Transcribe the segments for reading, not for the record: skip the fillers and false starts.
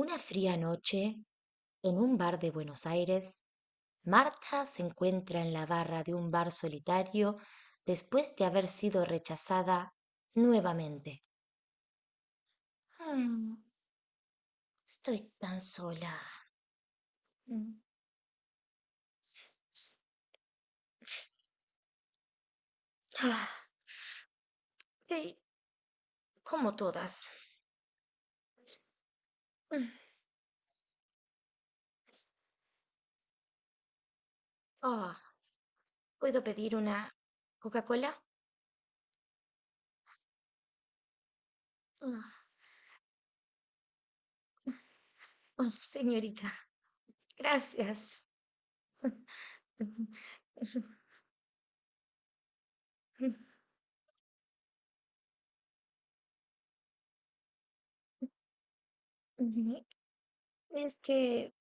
Una fría noche, en un bar de Buenos Aires, Marta se encuentra en la barra de un bar solitario después de haber sido rechazada nuevamente. Mm, estoy tan sola. Mm. Ah, eh, como todas. Mm. Oh, ¿puedo pedir una Coca-Cola? Ah, oh, señorita, gracias. Es que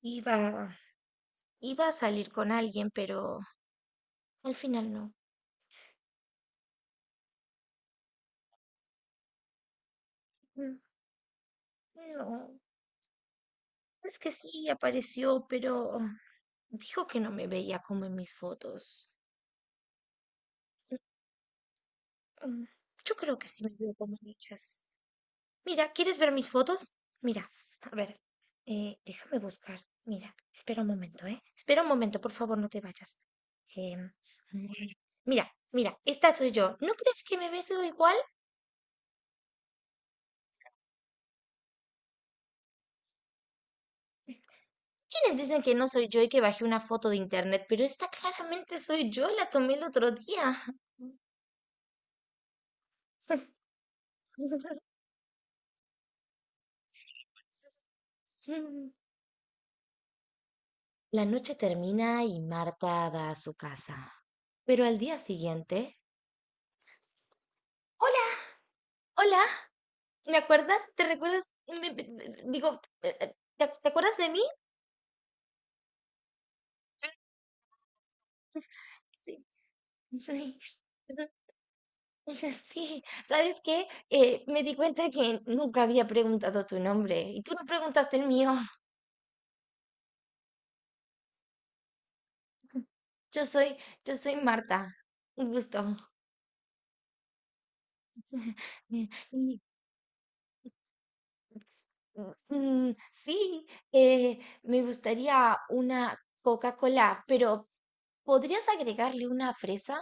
iba iba a salir con alguien, pero al final no. Mm, no, es que sí apareció, pero dijo que no me veía como en mis fotos. Mm, mm, yo creo que sí me veo como en ellas. Mira, ¿quieres ver mis fotos? Mira, a ver, déjame buscar. Mira, espera un momento, ¿eh? Espera un momento, por favor, no te vayas. Em, mm, mira, mira, esta soy yo. ¿No crees que me veo igual? ¿Quiénes dicen que no soy yo y que bajé una foto de internet? Pero esta claramente soy yo, la tomé el otro día. La noche termina y Marta va a su casa. Pero al día siguiente... Hola, hola, ¿me acuerdas? ¿Te recuerdas? Digo, te acuerdas de mí? Sí. Sí. Sí, sí. ¿Sabes qué? Me di cuenta que nunca había preguntado tu nombre y tú no preguntaste el mío. Yo soy, yo soy Marta. Un gusto. Y- y- Sí, eh, me gustaría una Coca-Cola, pero ¿podrías agregarle una fresa?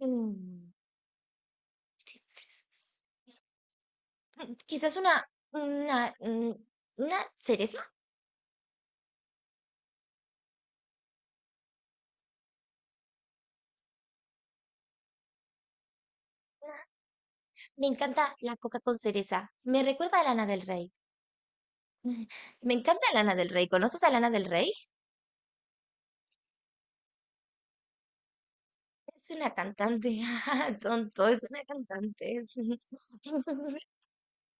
Mm, sí, fresas. Mm, quizás una, una, mm, una cereza. Me encanta la coca con cereza. Me recuerda a Lana del Rey. Me encanta Lana del Rey. ¿Conoces a Lana del Rey? Es una cantante, ah, tonto, es una cantante.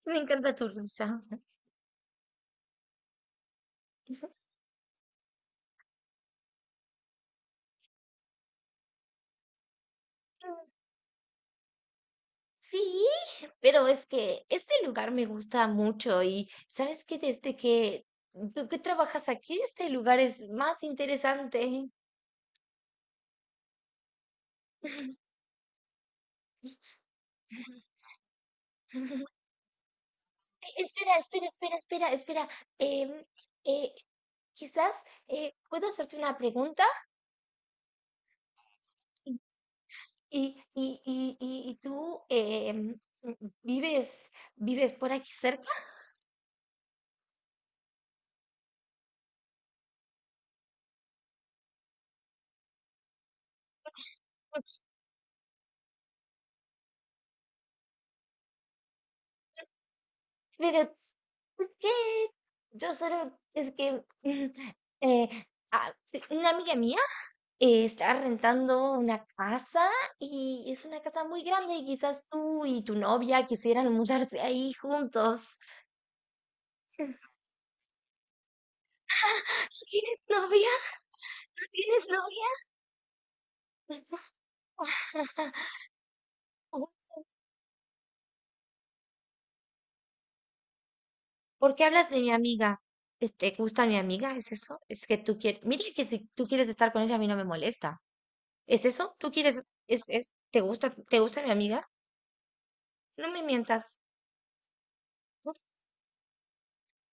Me encanta tu risa. Sí, pero es que este lugar me gusta mucho y ¿sabes qué? Desde que tú que trabajas aquí, este lugar es más interesante. Espera, espera, espera, espera, espera. em, eh, quizás puedo hacerte una pregunta. Y tú vives por aquí cerca, pero ¿por qué? Yo solo, es que mm, eh, una amiga mía está rentando una casa y es una casa muy grande y quizás tú y tu novia quisieran mudarse ahí juntos. ¿No tienes novia? ¿No tienes novia? Uy, ¿por qué hablas de mi amiga? Este, ¿gusta mi amiga? ¿Es eso? Es que tú quieres. Mira que si tú quieres estar con ella, a mí no me molesta. ¿Es eso? ¿Tú quieres? Te gusta mi amiga? No me mientas.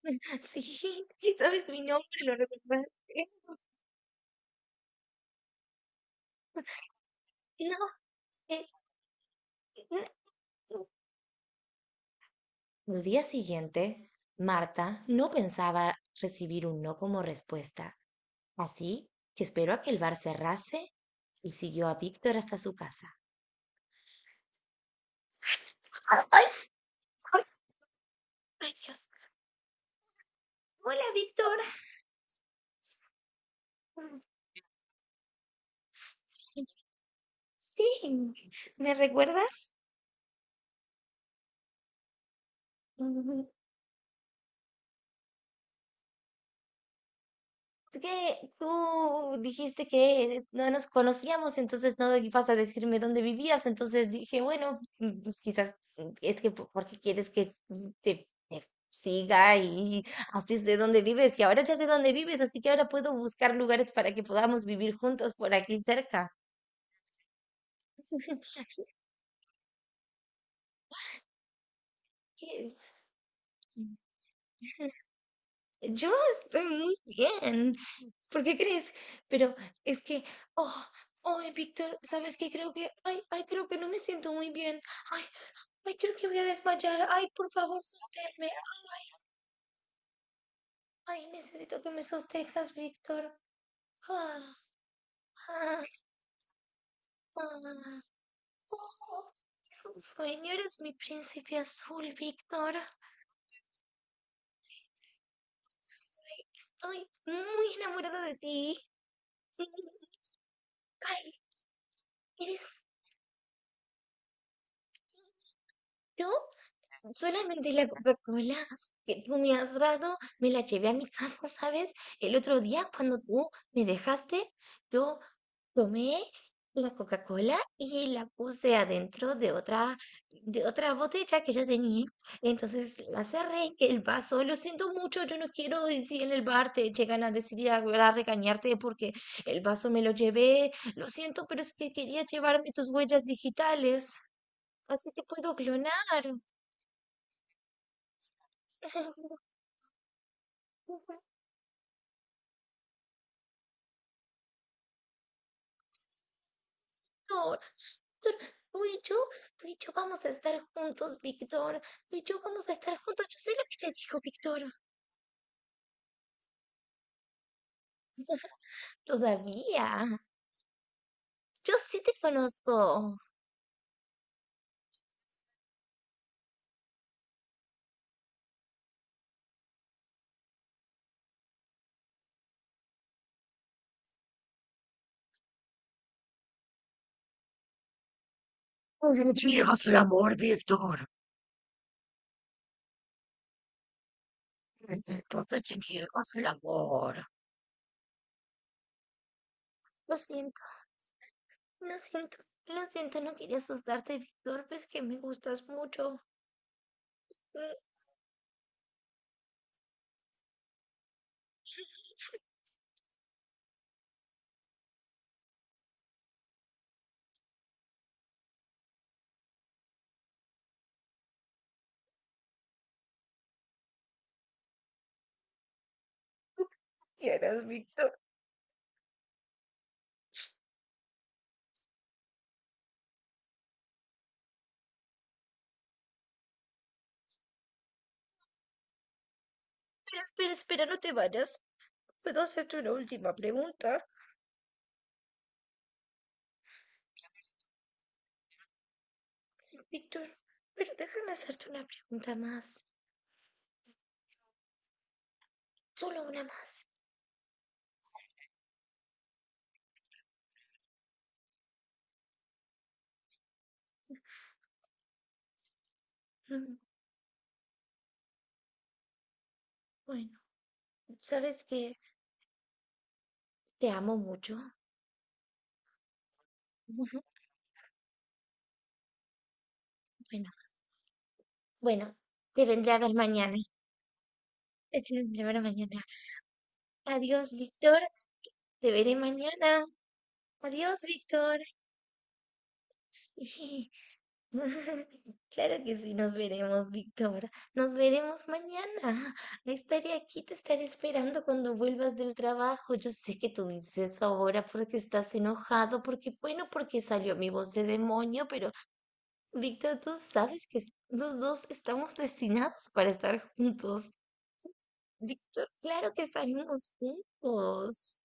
Sí, sí sabes mi nombre, lo recuerdas. No, eh, no. Al día siguiente, Marta no pensaba recibir un no como respuesta, así que esperó a que el bar cerrase y siguió a Víctor hasta su casa. ¡Ay! ¡Ay, ay, Dios! Hola, Víctor. Mm, sí, ¿me recuerdas? Mm, que tú dijiste que no nos conocíamos, entonces no ibas a decirme dónde vivías, entonces dije, bueno, mm, quizás es que porque quieres que te siga y así sé dónde vives, y ahora ya sé dónde vives, así que ahora puedo buscar lugares para que podamos vivir juntos por aquí cerca. Que- Yo estoy muy bien. ¿Por qué crees? Pero es que, oh, ay, Víctor, ¿sabes qué? Creo que, ay, ay, creo que no me siento muy bien. Ay, ay, creo que voy a desmayar. Ay, por favor, sosténme. Ay, necesito que me sostengas, Víctor. Ah, ah, ah. Oh, es un sueño, eres mi príncipe azul, Víctor. Ay, estoy muy enamorada de ti. Ay, eres yo solamente la Coca-Cola que tú me has dado, me la llevé a mi casa, ¿sabes? El otro día cuando tú me dejaste, yo tomé la Coca-Cola y la puse adentro de de otra botella que yo tenía. Entonces la cerré en el vaso. Lo siento mucho, yo no quiero decir en el bar te llegan a decir a regañarte porque el vaso me lo llevé. Lo siento, pero es que quería llevarme tus huellas digitales. Así te puedo clonar. Víctor, Víctor, tú y yo vamos a estar juntos, Víctor. Tú y yo vamos a estar juntos. Yo sé lo que te dijo, Víctor. Todavía. Yo sí te conozco. ¿Por qué te niegas el amor, Víctor? ¿Por qué te niegas el amor? Lo siento, lo siento, lo siento. No quería asustarte, Víctor. Ves que me gustas mucho. ¿Quieres, Víctor? Espera, espera, espera, no te vayas. ¿Puedo hacerte una última pregunta? Víctor, pero déjame hacerte una pregunta más. Solo una más. Mm, bueno, sabes que te amo mucho. Ujú, bueno, bueno, te vendré a ver mañana. Te vendré a ver mañana. Adiós, Víctor. Te veré mañana. Adiós, Víctor. Claro que sí, nos veremos, Víctor. Nos veremos mañana. Estaré aquí, te estaré esperando cuando vuelvas del trabajo. Yo sé que tú dices eso ahora porque estás enojado, porque, bueno, porque salió mi voz de demonio, pero Víctor, tú sabes que los dos estamos destinados para estar juntos. Víctor, claro que estaremos juntos.